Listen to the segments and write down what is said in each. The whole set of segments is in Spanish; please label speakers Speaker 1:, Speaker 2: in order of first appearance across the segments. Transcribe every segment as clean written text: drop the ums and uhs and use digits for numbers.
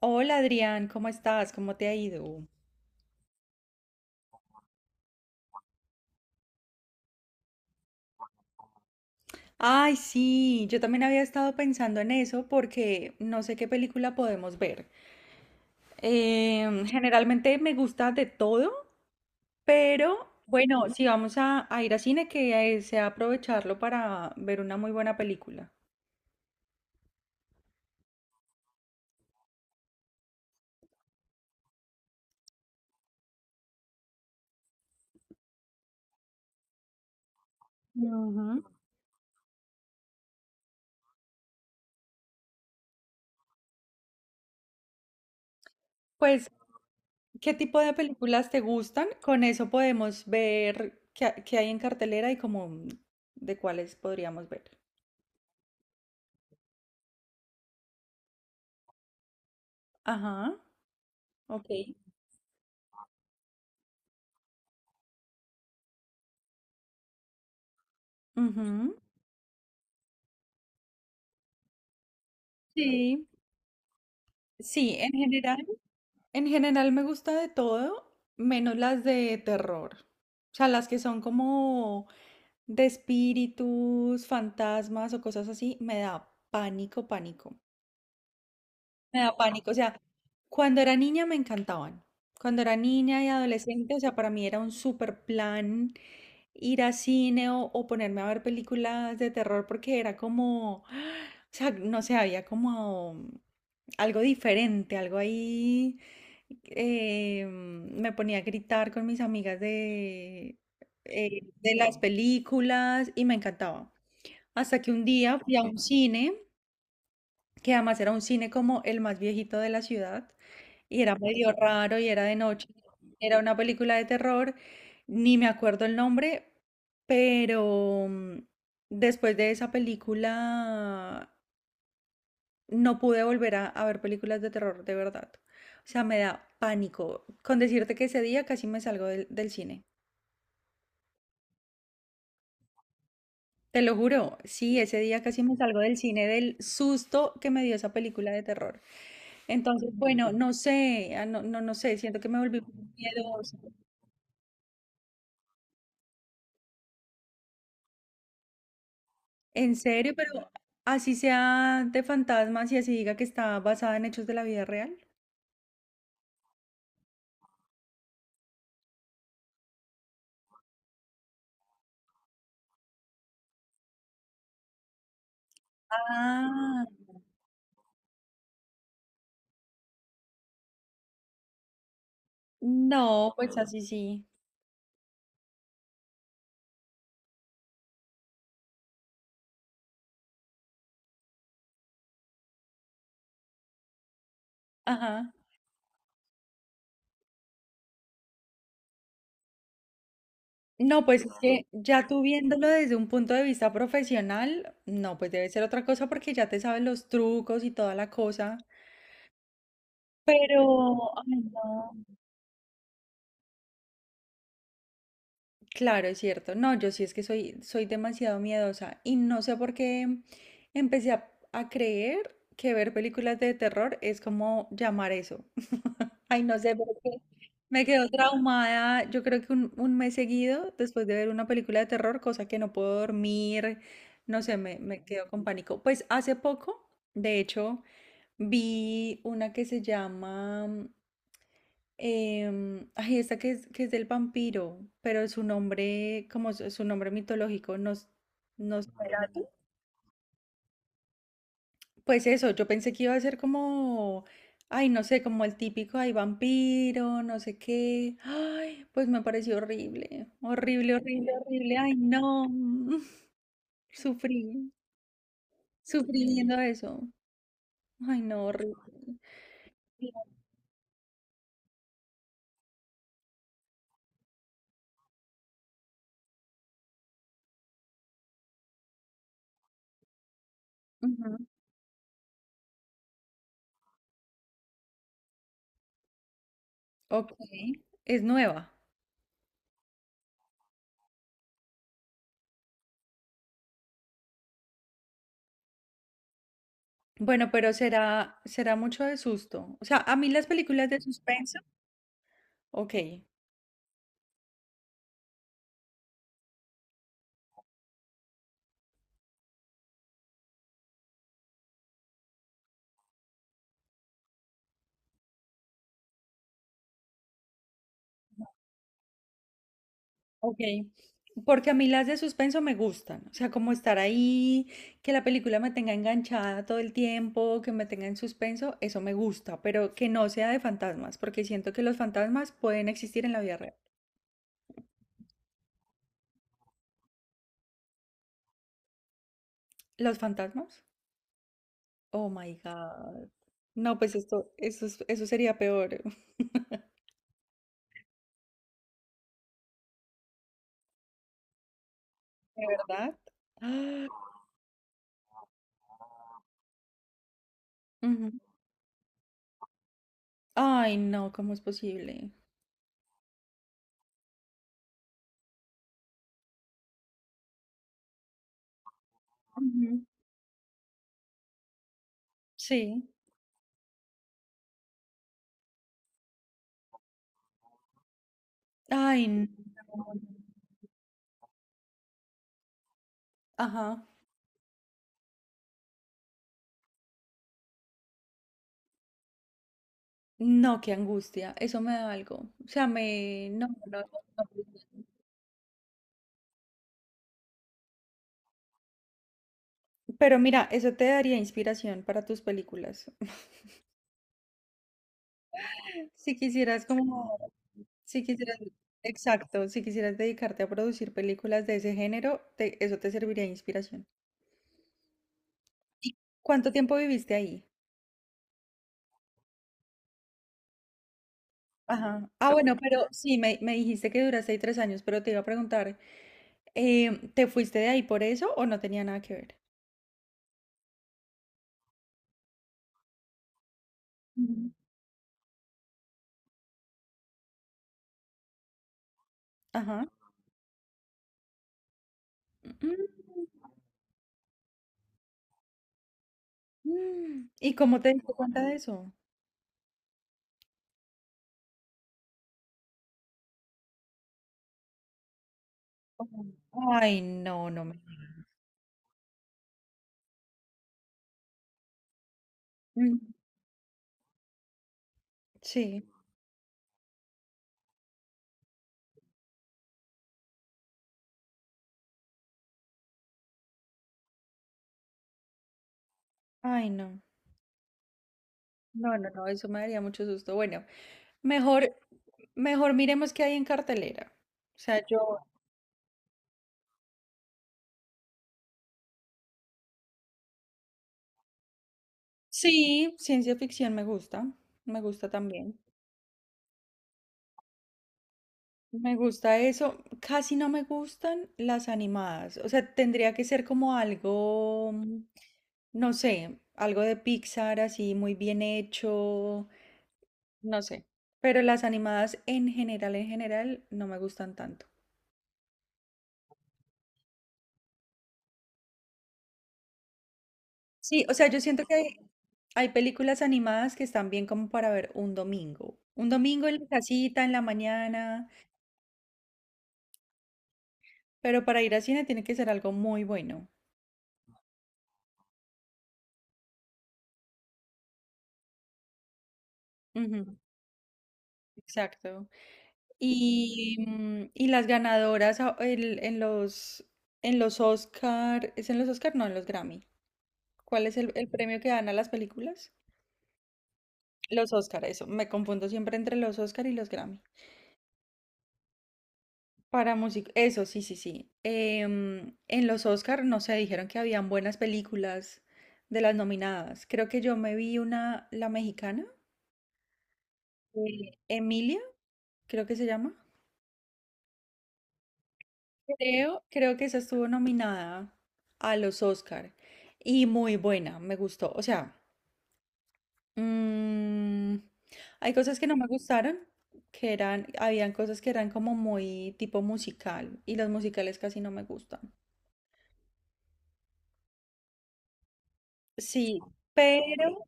Speaker 1: Hola Adrián, ¿cómo estás? ¿Cómo te ha ido? Ay, sí, yo también había estado pensando en eso porque no sé qué película podemos ver. Generalmente me gusta de todo, pero bueno, si vamos a ir a cine, que sea aprovecharlo para ver una muy buena película. Ujú. Pues, ¿qué tipo de películas te gustan? Con eso podemos ver qué hay en cartelera y como de cuáles podríamos ver. Ajá, ok. Ujú. Sí, sí, en general me gusta de todo, menos las de terror. O sea, las que son como de espíritus, fantasmas o cosas así, me da pánico, pánico. Me da pánico. O sea, cuando era niña me encantaban. Cuando era niña y adolescente, o sea, para mí era un super plan ir a cine o ponerme a ver películas de terror porque era como, o sea, no sé, había como algo diferente, algo ahí. Me ponía a gritar con mis amigas de las películas y me encantaba. Hasta que un día fui a un cine, que además era un cine como el más viejito de la ciudad, y era medio raro y era de noche. Era una película de terror, ni me acuerdo el nombre, pero después de esa película no pude volver a ver películas de terror, de verdad. O sea, me da pánico. Con decirte que ese día casi me salgo del cine. Te lo juro, sí, ese día casi me salgo del cine del susto que me dio esa película de terror. Entonces, bueno, no sé, no sé, siento que me volví muy miedosa. En serio, pero así sea de fantasmas y así diga que está basada en hechos de la vida real. Ah, no, pues así sí. Ajá. No, pues es claro que ya tú viéndolo desde un punto de vista profesional, no, pues debe ser otra cosa porque ya te sabes los trucos y toda la cosa. Pero, ay, no. Claro, es cierto. No, yo sí es que soy demasiado miedosa y no sé por qué empecé a creer que ver películas de terror es como llamar eso. Ay, no sé por qué. Me quedo traumada, yo creo que un mes seguido después de ver una película de terror, cosa que no puedo dormir, no sé, me quedo con pánico. Pues hace poco, de hecho, vi una que se llama, ay, esta que que es del vampiro, pero su nombre, como su nombre mitológico, nos... Pues eso, yo pensé que iba a ser como, ay, no sé, como el típico, ay, vampiro, no sé qué. Ay, pues me pareció horrible, horrible, horrible, horrible. Ay, no, sufrí, sufrí viendo eso. Ay, no, horrible. Sí. Ujú, ok, es nueva. Bueno, pero será, será mucho de susto. O sea, a mí las películas de suspenso, ok, ok, porque a mí las de suspenso me gustan, o sea, como estar ahí, que la película me tenga enganchada todo el tiempo, que me tenga en suspenso, eso me gusta, pero que no sea de fantasmas, porque siento que los fantasmas pueden existir en la vida real. ¿Los fantasmas? Oh my God. No, pues esto, eso, eso sería peor. ¿De verdad? Ah, ujú. Ay, no, ¿cómo es posible? Ujú, sí. Ay, no. Ajá. No, qué angustia, eso me da algo. O sea, me... No, no, no, no. Pero mira, eso te daría inspiración para tus películas. Si quisieras como, si quisieras, exacto, si quisieras dedicarte a producir películas de ese género, eso te serviría de inspiración. ¿Y cuánto tiempo viviste ahí? Ajá. Ah, bueno, pero sí, me dijiste que duraste ahí 3 años, pero te iba a preguntar, ¿te fuiste de ahí por eso o no tenía nada que ver? Mm. Ajá. Mm, mm. ¿Y cómo te diste cuenta de eso? Oh, ay, no, no me. Mm, sí, ay, no. No, no, no, eso me daría mucho susto. Bueno, mejor, mejor miremos qué hay en cartelera. O sea, yo. Sí, ciencia ficción me gusta también. Me gusta eso. Casi no me gustan las animadas. O sea, tendría que ser como algo, no sé, algo de Pixar así muy bien hecho, no sé. Pero las animadas en general, no me gustan tanto. Sí, o sea, yo siento que hay películas animadas que están bien como para ver un domingo. Un domingo en la casita, en la mañana, pero para ir al cine tiene que ser algo muy bueno. Ujú, exacto. Y, y las ganadoras en los Oscar, ¿es en los Oscar? No, en los Grammy. ¿Cuál es el premio que dan a las películas? Los Oscar, eso. Me confundo siempre entre los Oscar y los Grammy. Para música, eso, sí, sí, sí. En los Oscar, no sé, dijeron que habían buenas películas de las nominadas. Creo que yo me vi una, la mexicana, Emilia, creo que se llama. Creo, creo que esa estuvo nominada a los Oscar y muy buena, me gustó. O sea, mm, hay cosas que no me gustaron, que eran, habían cosas que eran como muy tipo musical y los musicales casi no me gustan. Sí, pero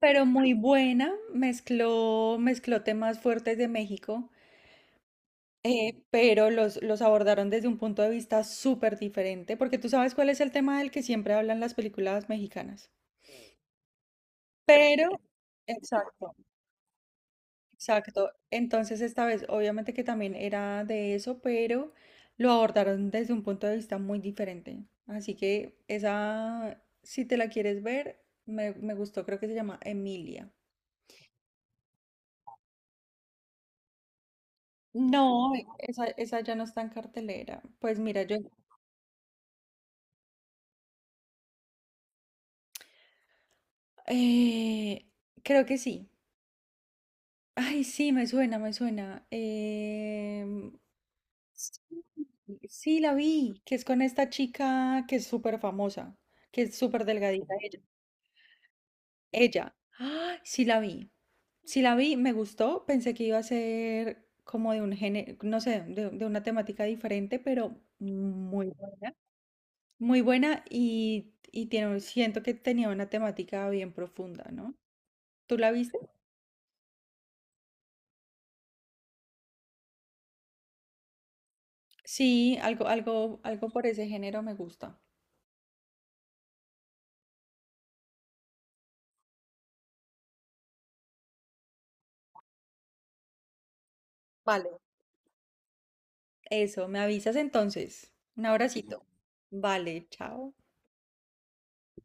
Speaker 1: pero muy buena, mezcló, mezcló temas fuertes de México, pero los abordaron desde un punto de vista súper diferente, porque tú sabes cuál es el tema del que siempre hablan las películas mexicanas. Pero, exacto, exacto. Entonces esta vez, obviamente que también era de eso, pero lo abordaron desde un punto de vista muy diferente. Así que esa, si te la quieres ver, me gustó, creo que se llama Emilia. No, esa ya no está en cartelera. Pues mira, yo eh, creo que sí. Ay, sí, me suena, me suena. Sí, sí, la vi, que es con esta chica que es súper famosa, que es súper delgadita ella. Ella. Ay, sí la vi. Sí la vi, me gustó. Pensé que iba a ser como de un género, no sé, de una temática diferente, pero muy buena. Muy buena y tiene, siento que tenía una temática bien profunda, ¿no? ¿Tú la viste? Sí, algo, algo, algo por ese género me gusta. Vale. Eso, me avisas entonces. Un abracito. Vale, chao.